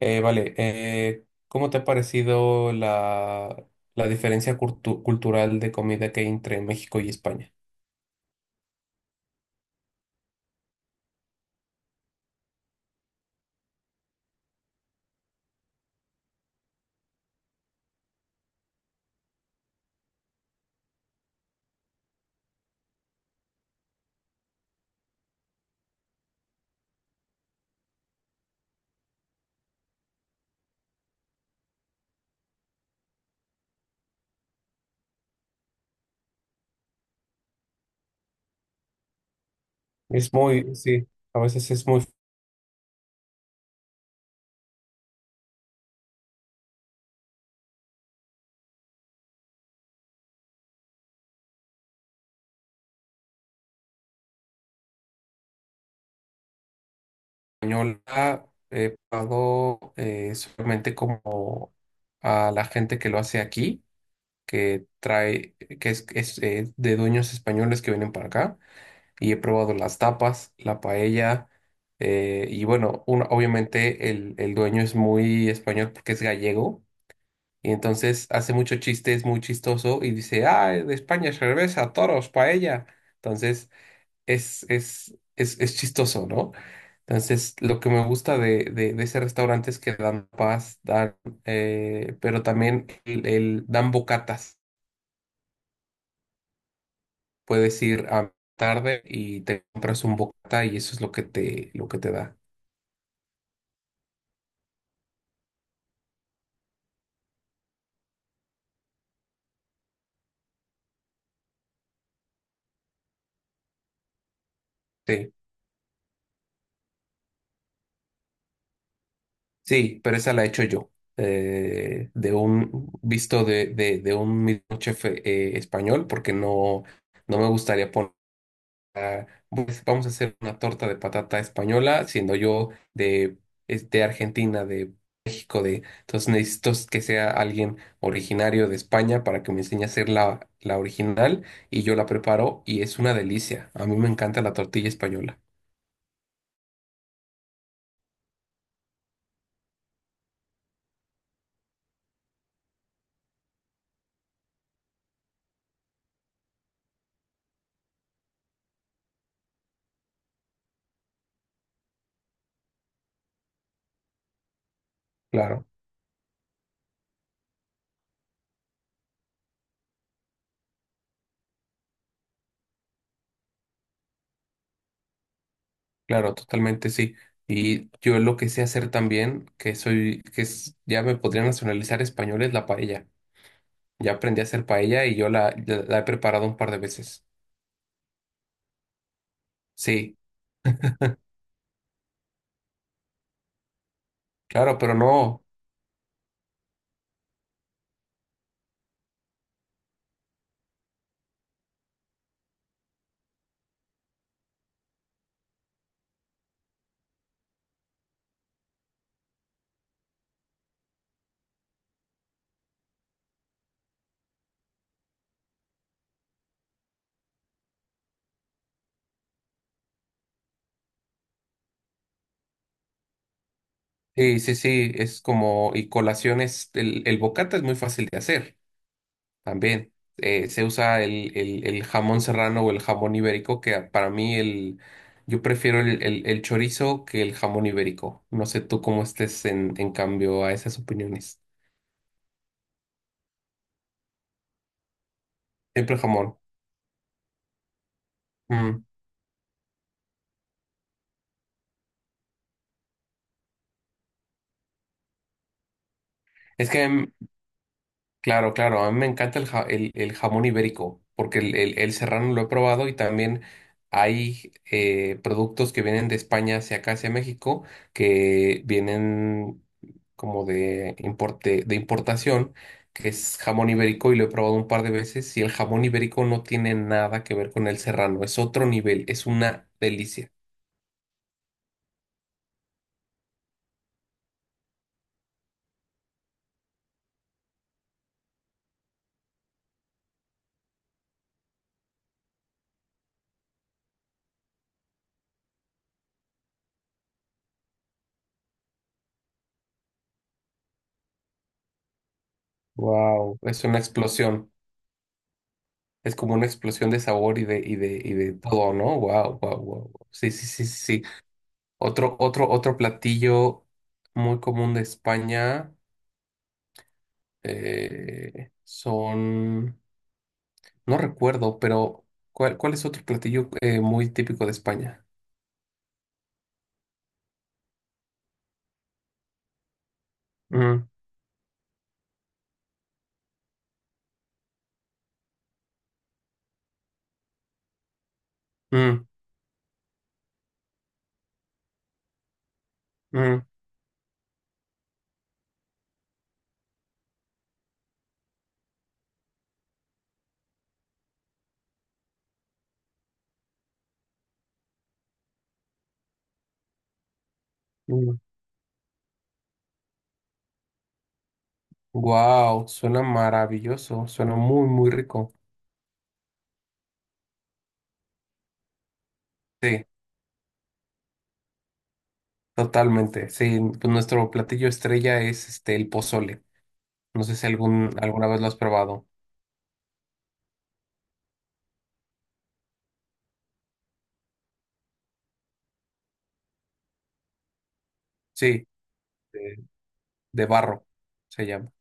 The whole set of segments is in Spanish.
Vale, ¿Cómo te ha parecido la diferencia cultural de comida que hay entre México y España? Es muy, sí, a veces es muy española. He probado solamente como a la gente que lo hace aquí, que trae, que es de dueños españoles que vienen para acá, y he probado las tapas, la paella, y bueno, obviamente el dueño es muy español porque es gallego. Y entonces hace muchos chistes muy chistoso y dice, ah, de España, cerveza, toros, paella. Entonces es chistoso, ¿no? Entonces lo que me gusta de ese restaurante es que dan paz, dan, pero también dan bocatas. Puedes ir a tarde y te compras un bocata y eso es lo que lo que te da. Sí. Sí, pero esa la he hecho yo, de un visto de un mismo chef español, porque no, no me gustaría poner, pues, vamos a hacer una torta de patata española, siendo yo de, es de Argentina, de México, de, entonces necesito que sea alguien originario de España para que me enseñe a hacer la original y yo la preparo y es una delicia. A mí me encanta la tortilla española. Claro. Claro, totalmente sí. Y yo lo que sé hacer también, que soy, ya me podría nacionalizar español, es la paella. Ya aprendí a hacer paella y yo la he preparado un par de veces. Sí, claro, pero no. Sí, sí, sí, es como, y colaciones, el bocata es muy fácil de hacer también. Se usa el jamón serrano o el jamón ibérico, que para mí el, yo prefiero el chorizo que el jamón ibérico. No sé tú cómo estés en cambio a esas opiniones. Siempre jamón. Mm. Es que, mm, claro, claro, a mí me encanta el, jamón ibérico, porque el, el serrano lo he probado y también hay productos que vienen de España hacia acá, hacia México, que vienen como de, importe, de importación, que es jamón ibérico y lo he probado un par de veces y el jamón ibérico no tiene nada que ver con el serrano, es otro nivel, es una delicia. Wow. Es una explosión. Es como una explosión de sabor y de, y de, y de todo, ¿no? Wow, wow, wow. Sí, sí, sí, sí, sí. Otro platillo muy común de España eh, son, no recuerdo, pero ¿cuál, cuál es otro platillo muy típico de España? Mm, mm, mm, mm. Wow, suena maravilloso, suena muy, muy rico. Sí, totalmente. Sí, pues nuestro platillo estrella es este el pozole. No sé si algún, alguna vez lo has probado. Sí. de, de barro, se llama.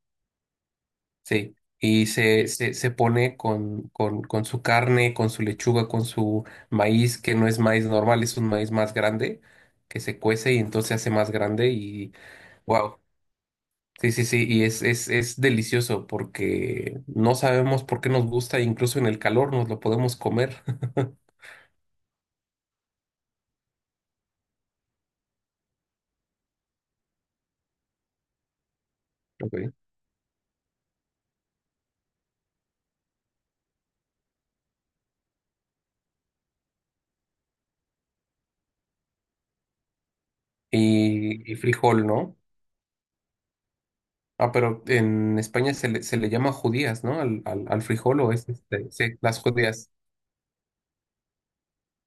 Sí. Y se pone con su carne, con su lechuga, con su maíz, que no es maíz normal, es un maíz más grande, que se cuece y entonces se hace más grande y wow. Sí, sí, sí, y es delicioso porque no sabemos por qué nos gusta, incluso en el calor nos lo podemos comer. Ok. Y frijol, ¿no? Ah, pero en España se le llama judías, ¿no? Al frijol o es este, sí, las judías.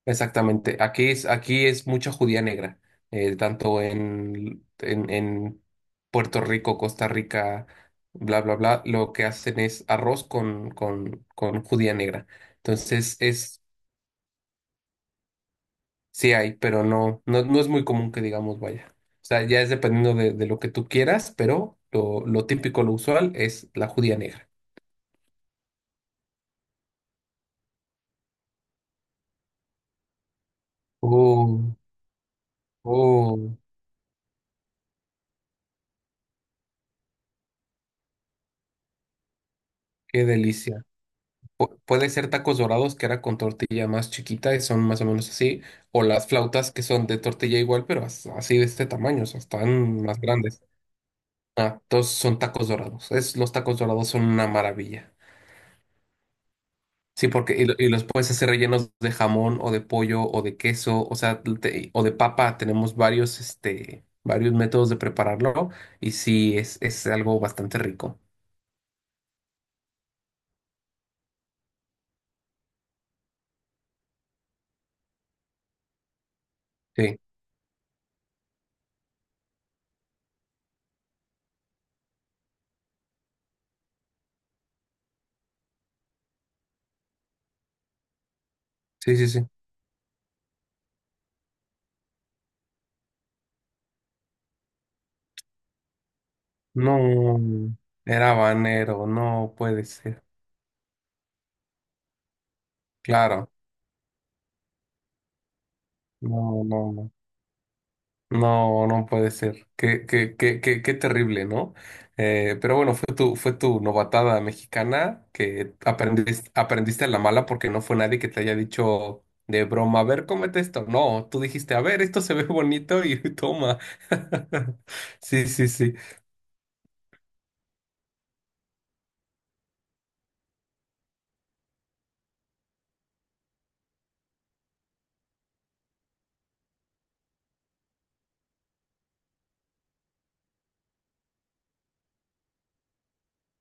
Exactamente. Aquí es mucha judía negra, tanto en Puerto Rico, Costa Rica, bla, bla, bla. Lo que hacen es arroz con judía negra. Entonces, es, sí hay, pero no, no, no es muy común que digamos vaya. O sea, ya es dependiendo de lo que tú quieras, pero lo típico, lo usual es la judía negra. Oh, oh, qué delicia. Puede ser tacos dorados, que era con tortilla más chiquita y son más o menos así, o las flautas que son de tortilla igual, pero así de este tamaño, o sea, están más grandes. Ah, todos son tacos dorados. Es, los tacos dorados son una maravilla. Sí, porque y los puedes hacer rellenos de jamón o de pollo o de queso, o sea, o de papa. Tenemos varios, este, varios métodos de prepararlo y sí, es algo bastante rico. Sí, sí, sí, sí. No, era banero, no puede ser. Claro. No, no, no. No, no puede ser. Qué, qué, qué, qué, qué terrible, ¿no? Pero bueno, fue tu novatada mexicana que aprendiste, aprendiste a la mala porque no fue nadie que te haya dicho de broma, a ver, cómete esto. No, tú dijiste, a ver, esto se ve bonito y toma. Sí, sí, sí.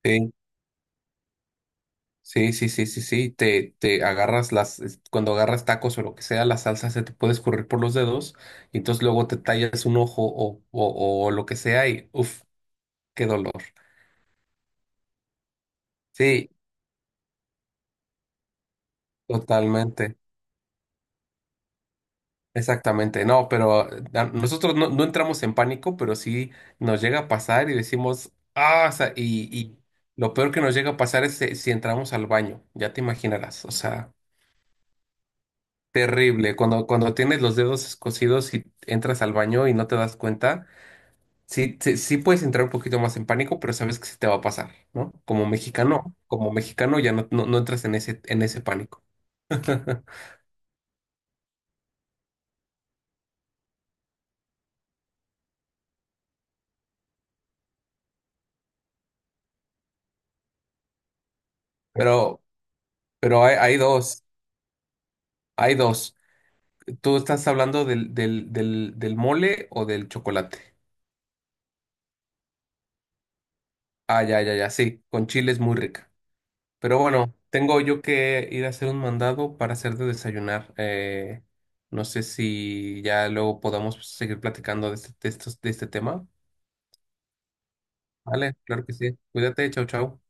Sí, sí, sí, sí, sí, sí. Te agarras las, cuando agarras tacos o lo que sea, la salsa se te puede escurrir por los dedos y entonces luego te tallas un ojo o lo que sea y uff. Qué dolor. Sí, totalmente. Exactamente. No, pero nosotros no, no entramos en pánico, pero sí nos llega a pasar y decimos, ah, o sea, y lo peor que nos llega a pasar es si entramos al baño, ya te imaginarás. O sea, terrible. Cuando tienes los dedos escocidos y entras al baño y no te das cuenta, sí, sí, sí puedes entrar un poquito más en pánico, pero sabes que sí te va a pasar, ¿no? Como mexicano ya no, no, no entras en ese pánico. Pero, pero hay dos. Hay dos. ¿Tú estás hablando del mole o del chocolate? Ah, ya, ya, ya, sí, con chile es muy rica. Pero bueno, tengo yo que ir a hacer un mandado para hacer de desayunar. No sé si ya luego podamos seguir platicando de este, de estos, de este tema. Vale, claro que sí. Cuídate, chau, chau.